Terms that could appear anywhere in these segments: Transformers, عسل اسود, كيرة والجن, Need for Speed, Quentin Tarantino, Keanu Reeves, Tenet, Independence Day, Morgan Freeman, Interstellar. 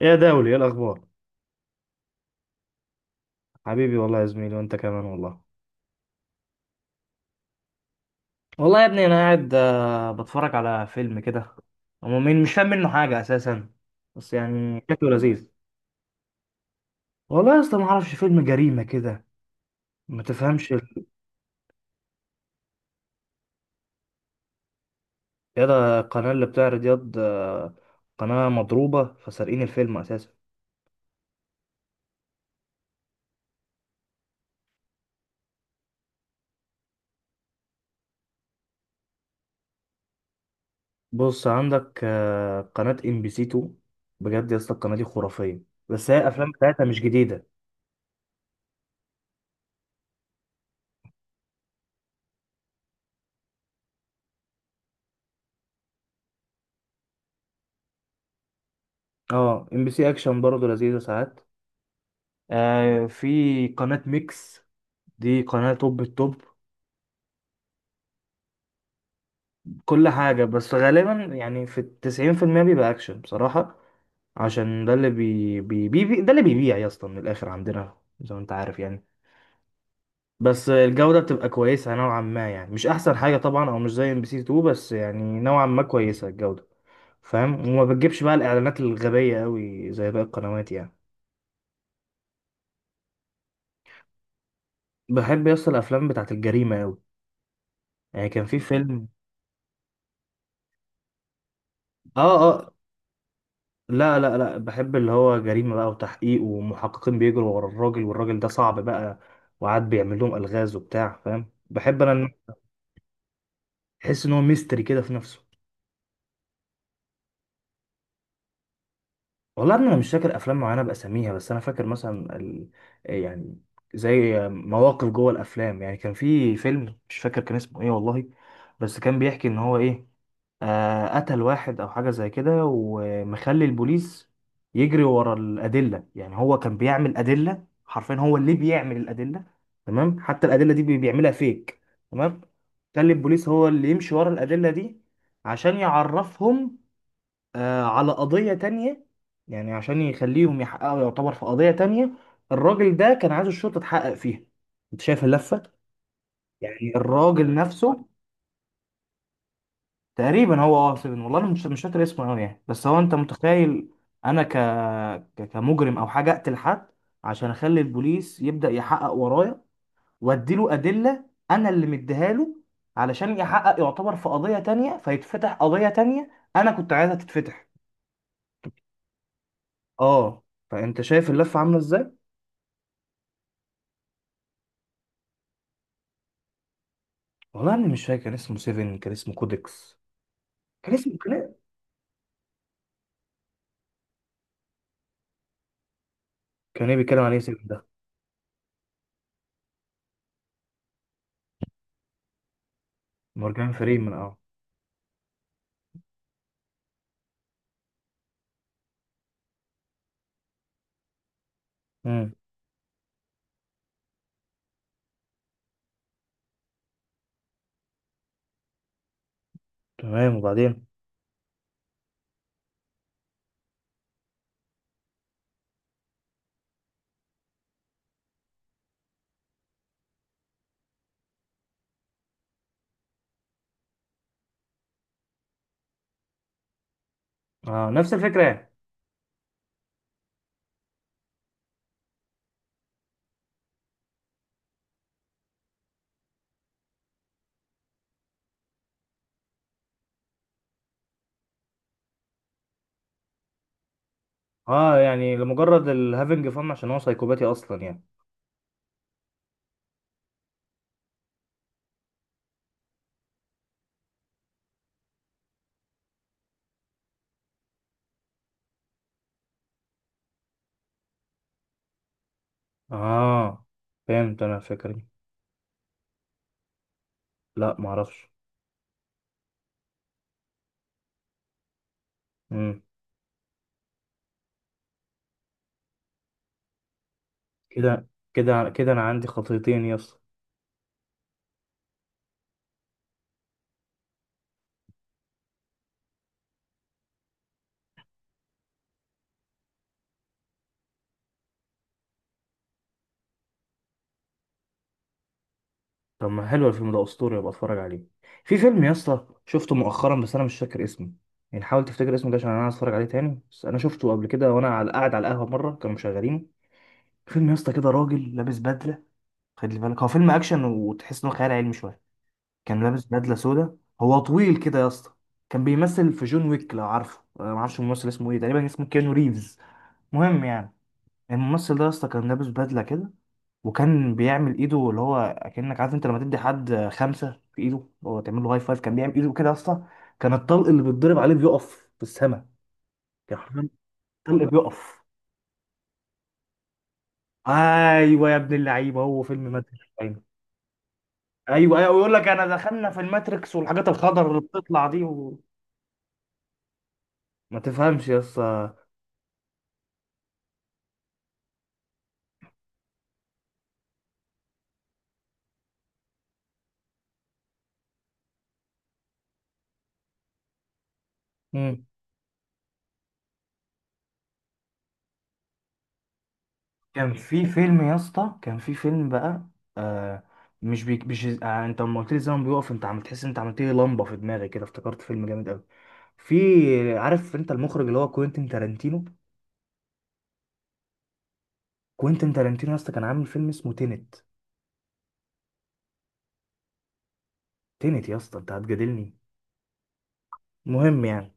يا دولي ايه الاخبار؟ حبيبي والله يا زميلي وانت كمان والله. والله يا ابني انا قاعد بتفرج على فيلم كده. هو مين؟ مش فاهم منه حاجه اساسا، بس يعني شكله لذيذ. والله يا اسطى ما اعرفش، فيلم جريمه كده ما تفهمش يا ده القناه اللي بتعرض ياض. قناه مضروبه فسارقين الفيلم اساسا. بص عندك قناه ام بي سي 2، بجد يا اسطى القناه دي خرافيه، بس هي الافلام بتاعتها مش جديده. اه ام بي سي اكشن برضه لذيذه ساعات. آه في قناة ميكس، دي قناة توب التوب. كل حاجة، بس غالبا يعني في التسعين في المية بيبقى أكشن بصراحة. عشان ده اللي ده اللي بيبيع يا اسطى من الآخر عندنا زي ما أنت عارف يعني. بس الجودة بتبقى كويسة نوعا ما، يعني مش أحسن حاجة طبعا أو مش زي ام بي سي 2، بس يعني نوعا ما كويسة الجودة، فاهم؟ وما بتجيبش بقى الإعلانات الغبية أوي زي باقي القنوات يعني. بحب يا اسطى الأفلام بتاعت الجريمة أوي، يعني كان في فيلم. آه. آه، لا لا لا، بحب اللي هو جريمة بقى وتحقيق ومحققين بيجروا ورا الراجل، والراجل ده صعب بقى، وقعد بيعمل لهم ألغاز وبتاع، فاهم؟ بحب انا احس ان هو ميستري كده في نفسه. والله انا مش فاكر افلام معينه باساميها، بس انا فاكر مثلا يعني زي مواقف جوه الافلام. يعني كان في فيلم مش فاكر كان اسمه ايه والله، بس كان بيحكي ان هو ايه، آه قتل واحد او حاجه زي كده، ومخلي البوليس يجري ورا الادله. يعني هو كان بيعمل ادله، حرفيا هو اللي بيعمل الادله. تمام؟ حتى الادله دي بيعملها فيك. تمام؟ خلي البوليس هو اللي يمشي ورا الادله دي عشان يعرفهم آه، على قضية تانية. يعني عشان يخليهم يحققوا، يعتبر في قضية تانية الراجل ده كان عايز الشرطة تحقق فيها. انت شايف اللفة؟ يعني الراجل نفسه تقريبا. هو اه سيفن، والله انا مش فاكر اسمه قوي يعني، بس هو انت متخيل انا كمجرم او حاجة اقتل حد عشان اخلي البوليس يبدأ يحقق ورايا، واديله ادلة، انا اللي مديها له، علشان يحقق يعتبر في قضية تانية، فيتفتح قضية تانية انا كنت عايزها تتفتح. اه. فانت شايف اللفة عاملة ازاي؟ والله انا مش فاكر كان اسمه سيفن، كان اسمه كودكس. كان اسمه كان إيه؟ كان ايه بيتكلم عليه سيفن ده؟ مورجان فريمان، اه. امم. تمام، وبعدين؟ اه نفس الفكره يعني. اه يعني لمجرد الهافنج فن عشان هو سايكوباتي اصلا يعني. اه، فهمت انا الفكره دي. لا ما اعرفش. امم. كده. كده كده انا عندي خطيتين يا اسطى. طب ما حلو الفيلم ده، اسطوري، ابقى اتفرج عليه. في فيلم يا اسطى شفته مؤخرا بس انا مش فاكر اسمه، يعني حاول تفتكر اسمه ده عشان انا عايز اتفرج عليه تاني، بس انا شفته قبل كده وانا على قاعد على القهوه مره كانوا مشغلينه. فيلم يا اسطى كده راجل لابس بدله، خلي بالك هو فيلم اكشن وتحس انه خيال علمي شويه. كان لابس بدله سودا، هو طويل كده يا اسطى. كان بيمثل في جون ويك لو عارفه. أنا ما اعرفش الممثل اسمه ايه، تقريبا اسمه كيانو ريفز. مهم يعني، الممثل ده يا اسطى كان لابس بدله كده، وكان بيعمل ايده اللي هو اكنك عارف انت لما تدي حد خمسه في ايده، هو تعمل له هاي فايف. كان بيعمل ايده كده يا اسطى، كان الطلق اللي بيتضرب عليه بيقف في السماء. كان حرفياً الطلق بيقف. ايوه يا ابن اللعيبه، هو فيلم مدهش. ايوه ايوه، ويقول لك انا دخلنا في الماتريكس، والحاجات الخضر اللي بتطلع دي وما تفهمش يا اسطى. مم. كان في فيلم يا اسطى، كان في فيلم بقى، آه مش بيك مش آه انت لما قلت لي زمن بيقف، انت عم تحس إن انت عملت لي لمبه في دماغي كده، افتكرت فيلم جامد قوي. في عارف انت المخرج اللي هو كوينتين تارانتينو؟ كوينتين تارانتينو يا اسطى كان عامل فيلم اسمه تينت. تينت يا اسطى، انت هتجادلني؟ مهم يعني،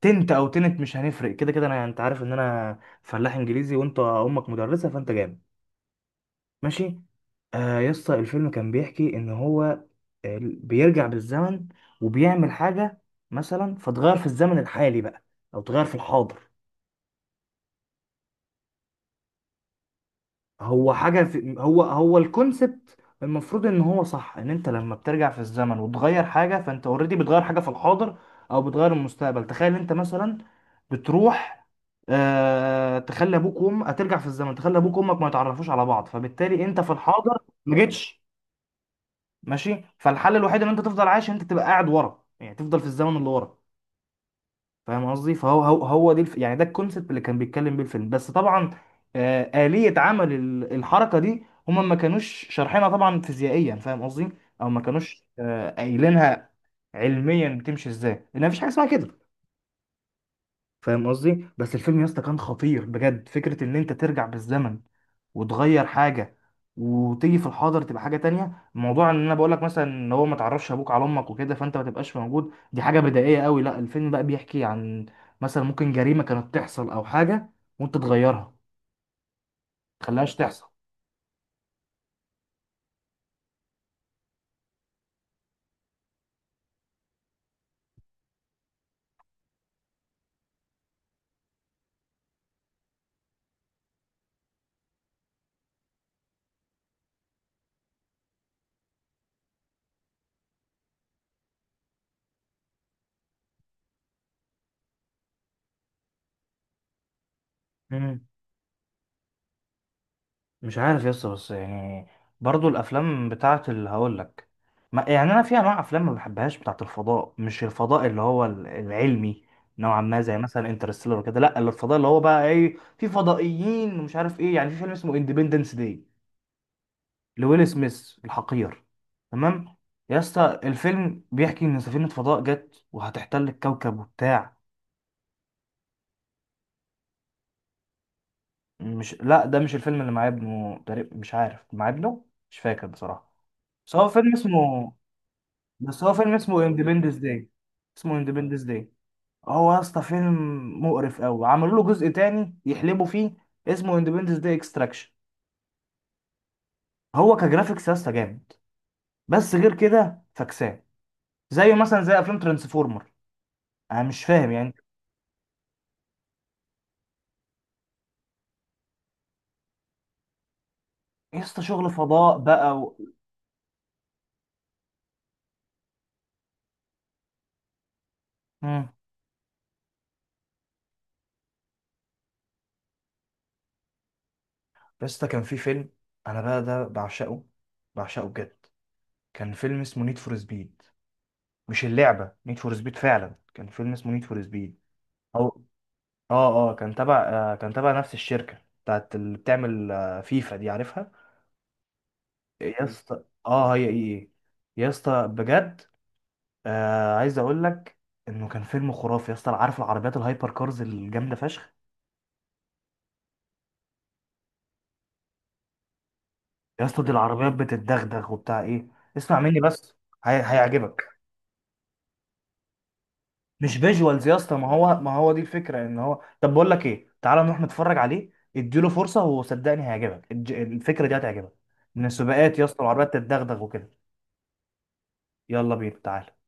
تنت او تنت مش هنفرق، كده كده انا انت عارف ان انا فلاح انجليزي، وانت امك مدرسه فانت جامد. ماشي. آه يا اسطى الفيلم كان بيحكي ان هو آه، بيرجع بالزمن وبيعمل حاجه مثلا، فتغير في الزمن الحالي بقى، او تغير في الحاضر. هو حاجه في هو الكونسبت. المفروض ان هو صح ان انت لما بترجع في الزمن وتغير حاجه، فانت اوريدي بتغير حاجه في الحاضر او بتغير المستقبل. تخيل انت مثلا بتروح آه تخلي ابوك وامك، هترجع في الزمن تخلي ابوك وامك ما يتعرفوش على بعض، فبالتالي انت في الحاضر ما جيتش. ماشي، فالحل الوحيد ان انت تفضل عايش ان انت تبقى قاعد ورا، يعني تفضل في الزمن اللي ورا، فاهم قصدي؟ فهو هو, يعني ده الكونسيبت اللي كان بيتكلم بيه الفيلم، بس طبعا آه، آلية عمل الحركة دي هما ما كانوش شارحينها طبعا فيزيائيا، فاهم قصدي؟ او ما كانوش قايلينها علميا بتمشي ازاي، لان مفيش حاجة اسمها كده، فاهم قصدي؟ بس الفيلم يا اسطى كان خطير بجد. فكرة ان انت ترجع بالزمن وتغير حاجه وتيجي في الحاضر تبقى حاجه تانية. موضوع ان انا بقول لك مثلا ان هو ما تعرفش ابوك على امك وكده فانت ما تبقاش موجود دي حاجه بدائيه قوي. لا الفيلم بقى بيحكي عن مثلا ممكن جريمه كانت تحصل او حاجه، وانت تغيرها، تخليهاش تحصل. مم. مش عارف يس، بس يعني برضو الافلام بتاعت اللي هقول لك، ما يعني انا في انواع افلام ما بحبهاش، بتاعت الفضاء. مش الفضاء اللي هو العلمي نوعا ما زي مثلا انترستيلر وكده، لا اللي الفضاء اللي هو بقى ايه في فضائيين ومش عارف ايه. يعني في فيلم اسمه اندبندنس داي لويل سميث الحقير. تمام؟ يا اسطى الفيلم بيحكي ان سفينة فضاء جت وهتحتل الكوكب وبتاع. مش لا ده مش الفيلم اللي مع ابنه، تقريبا مش عارف مع ابنه، مش فاكر بصراحة. بس هو فيلم اسمه بس هو فيلم اسمه اندبندس داي، اسمه اندبندس داي. هو يا اسطى فيلم مقرف قوي، عملوا له جزء تاني يحلبوا فيه اسمه اندبندس داي اكستراكشن. هو كجرافيكس يا اسطى جامد، بس غير كده فكسان، زيه مثلا زي افلام ترانسفورمر. انا مش فاهم يعني. يا اسطى شغل فضاء بقى و... مم. يا اسطى كان في فيلم، انا بقى ده بعشقه، بعشقه بجد. كان فيلم اسمه نيد فور سبيد، مش اللعبه نيد فور سبيد، فعلا كان فيلم اسمه نيد فور سبيد. اه اه كان تبع آه، كان تبع نفس الشركة بتاعت اللي بتعمل آه، فيفا دي عارفها. يا اسطى اه هي ايه يا اسطى بجد آه عايز اقول لك انه كان فيلم خرافي يا اسطى. عارف العربيات الهايبر كارز الجامدة فشخ؟ يا اسطى دي العربيات بتتدغدغ وبتاع ايه. اسمع مني بس، هيعجبك. مش فيجوالز يا اسطى، ما هو دي الفكرة ان هو. طب بقول لك ايه، تعالى نروح نتفرج عليه، اديله فرصة وصدقني هيعجبك الفكرة دي هتعجبك. من السباقات يا اسطى العربيات تتدغدغ وكده. يلا بينا تعالى.